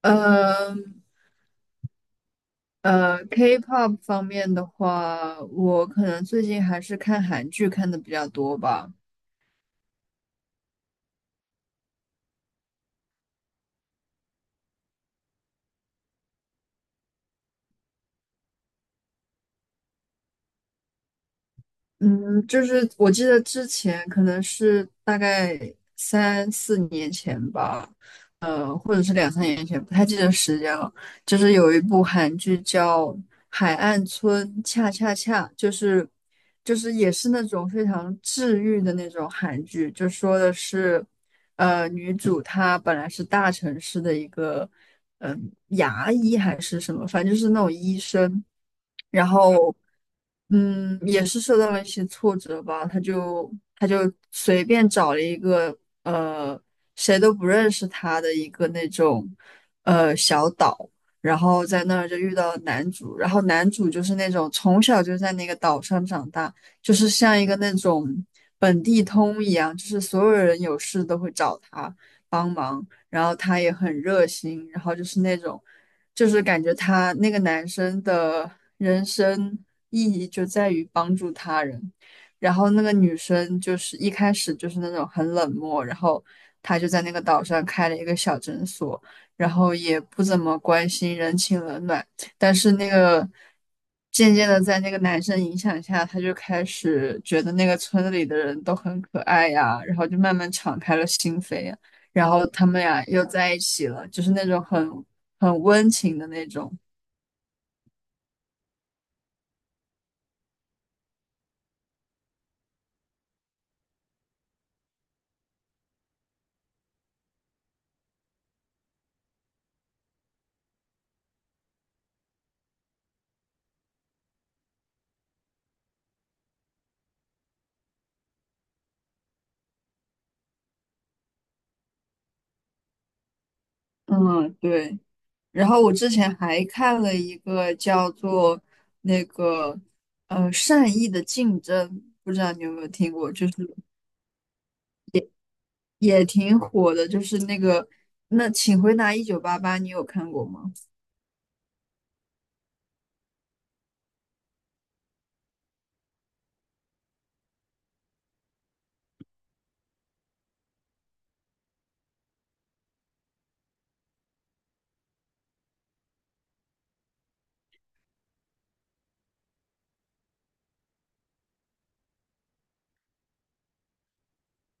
呃K-pop 方面的话，我可能最近还是看韩剧看的比较多吧。嗯，就是我记得之前可能是大概三四年前吧，或者是两三年前，不太记得时间了。就是有一部韩剧叫《海岸村恰恰恰》，就是也是那种非常治愈的那种韩剧，就说的是，女主她本来是大城市的一个。牙医还是什么，反正就是那种医生，然后也是受到了一些挫折吧，他就随便找了一个呃谁都不认识他的一个那种小岛，然后在那儿就遇到了男主，然后男主就是那种从小就在那个岛上长大，就是像一个那种本地通一样，就是所有人有事都会找他帮忙。然后他也很热心，然后就是那种，就是感觉他那个男生的人生意义就在于帮助他人，然后那个女生就是一开始就是那种很冷漠，然后她就在那个岛上开了一个小诊所，然后也不怎么关心人情冷暖，但是那个。渐渐的，在那个男生影响下，他就开始觉得那个村子里的人都很可爱呀，然后就慢慢敞开了心扉呀。然后他们俩又在一起了，就是那种很温情的那种。嗯，对。然后我之前还看了一个叫做那个善意的竞争，不知道你有没有听过，就是也挺火的，就是那个那请回答1988，你有看过吗？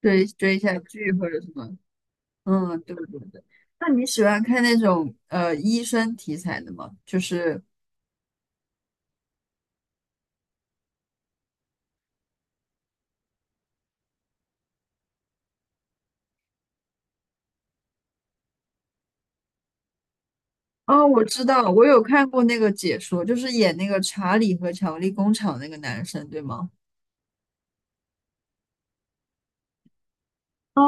追追一下剧或者什么？嗯，对对对。那你喜欢看那种医生题材的吗？就是哦，我知道，我有看过那个解说，就是演那个查理和巧克力工厂那个男生，对吗？哦，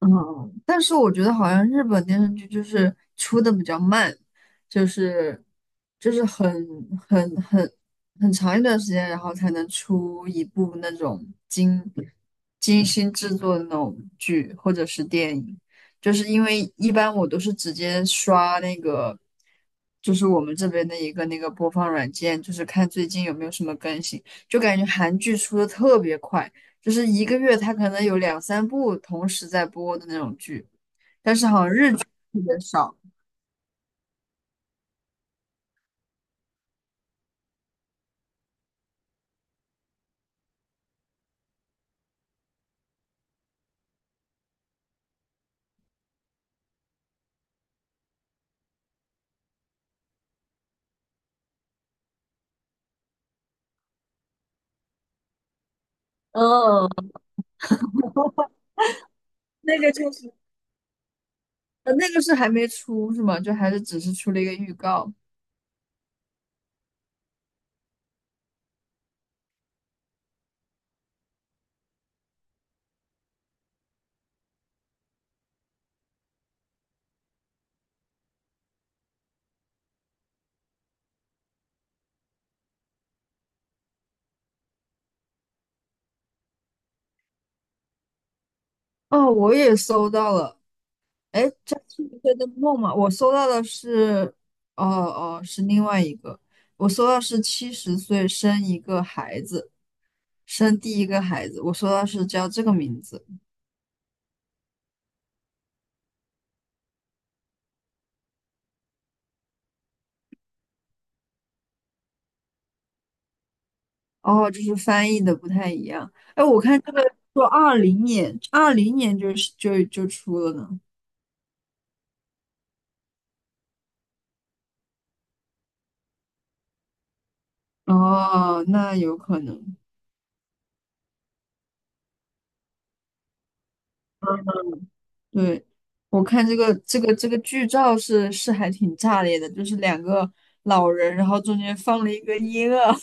嗯，但是我觉得好像日本电视剧就是出的比较慢，就是就是很很很很长一段时间，然后才能出一部那种精精心制作的那种剧或者是电影，就是因为一般我都是直接刷那个，就是我们这边的一个那个播放软件，就是看最近有没有什么更新，就感觉韩剧出的特别快。就是一个月他可能有两三部同时在播的那种剧，特别少。嗯，那个就是那个是还没出是吗？就还是只是出了一个预告？哦，我也搜到了。哎，这是一个的梦吗？我搜到的是，哦哦，是另外一个。我搜到是70岁生一个孩子，生第一个孩子。我搜到是叫这个名字。哦，就是翻译的不太一样。哎，我看这个说二零年，二零年就是就出了呢。哦，那有可能。对，我看这个剧照是还挺炸裂的，就是两个老人，然后中间放了一个婴儿，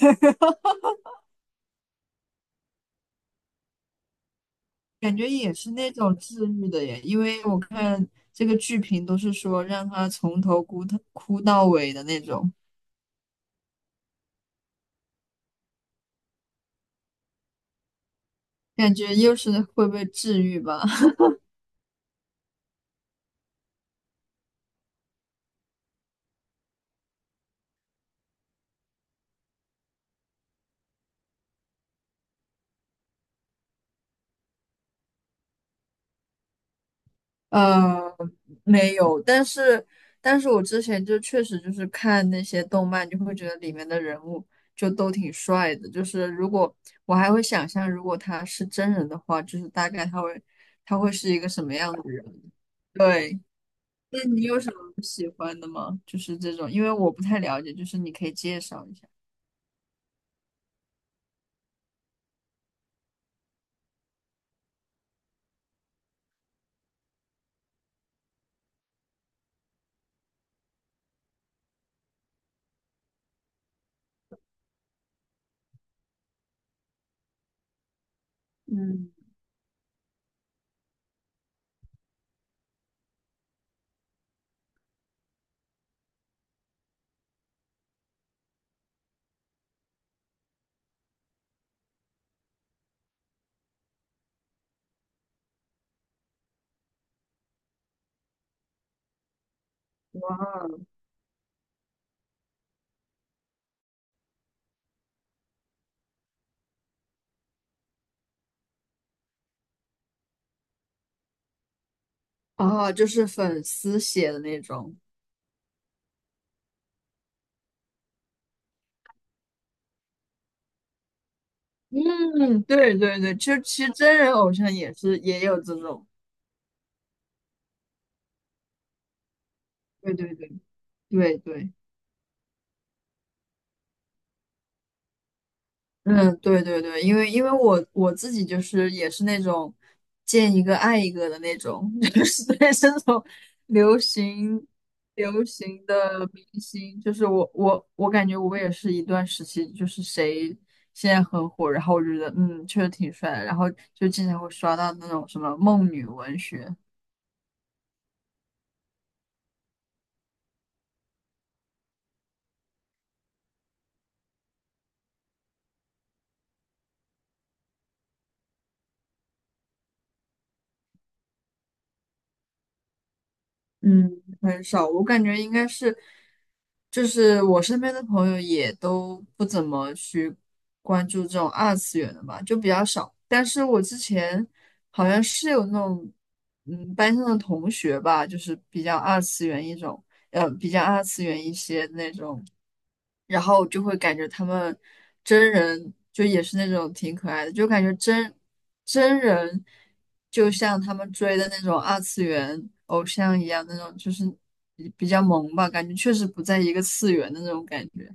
感觉也是那种治愈的耶。因为我看这个剧评都是说让他从头哭到尾的那种，感觉又是会被治愈吧。呃，没有，但是我之前就确实就是看那些动漫，就会觉得里面的人物就都挺帅的。就是如果我还会想象，如果他是真人的话，就是大概他会是一个什么样的人？对，那你有什么欢的吗？就是这种，因为我不太了解，就是你可以介绍一下。嗯，哇哦，就是粉丝写的那种。嗯，对对对，其实真人偶像也是也有这种。对对对对对，嗯，对对对，因为我自己就是也是那种见一个爱一个的那种，就是对这种流行流行的明星，就是我感觉我也是一段时期，就是谁现在很火，然后我觉得确实挺帅的，然后就经常会刷到那种什么梦女文学。嗯，很少，我感觉应该是，就是我身边的朋友也都不怎么去关注这种二次元的吧，就比较少。但是我之前好像是有那种，班上的同学吧，就是比较二次元一种，比较二次元一些那种，然后就会感觉他们真人就也是那种挺可爱的，就感觉真人就像他们追的那种二次元偶像一样，那种就是比较萌吧，感觉确实不在一个次元的那种感觉。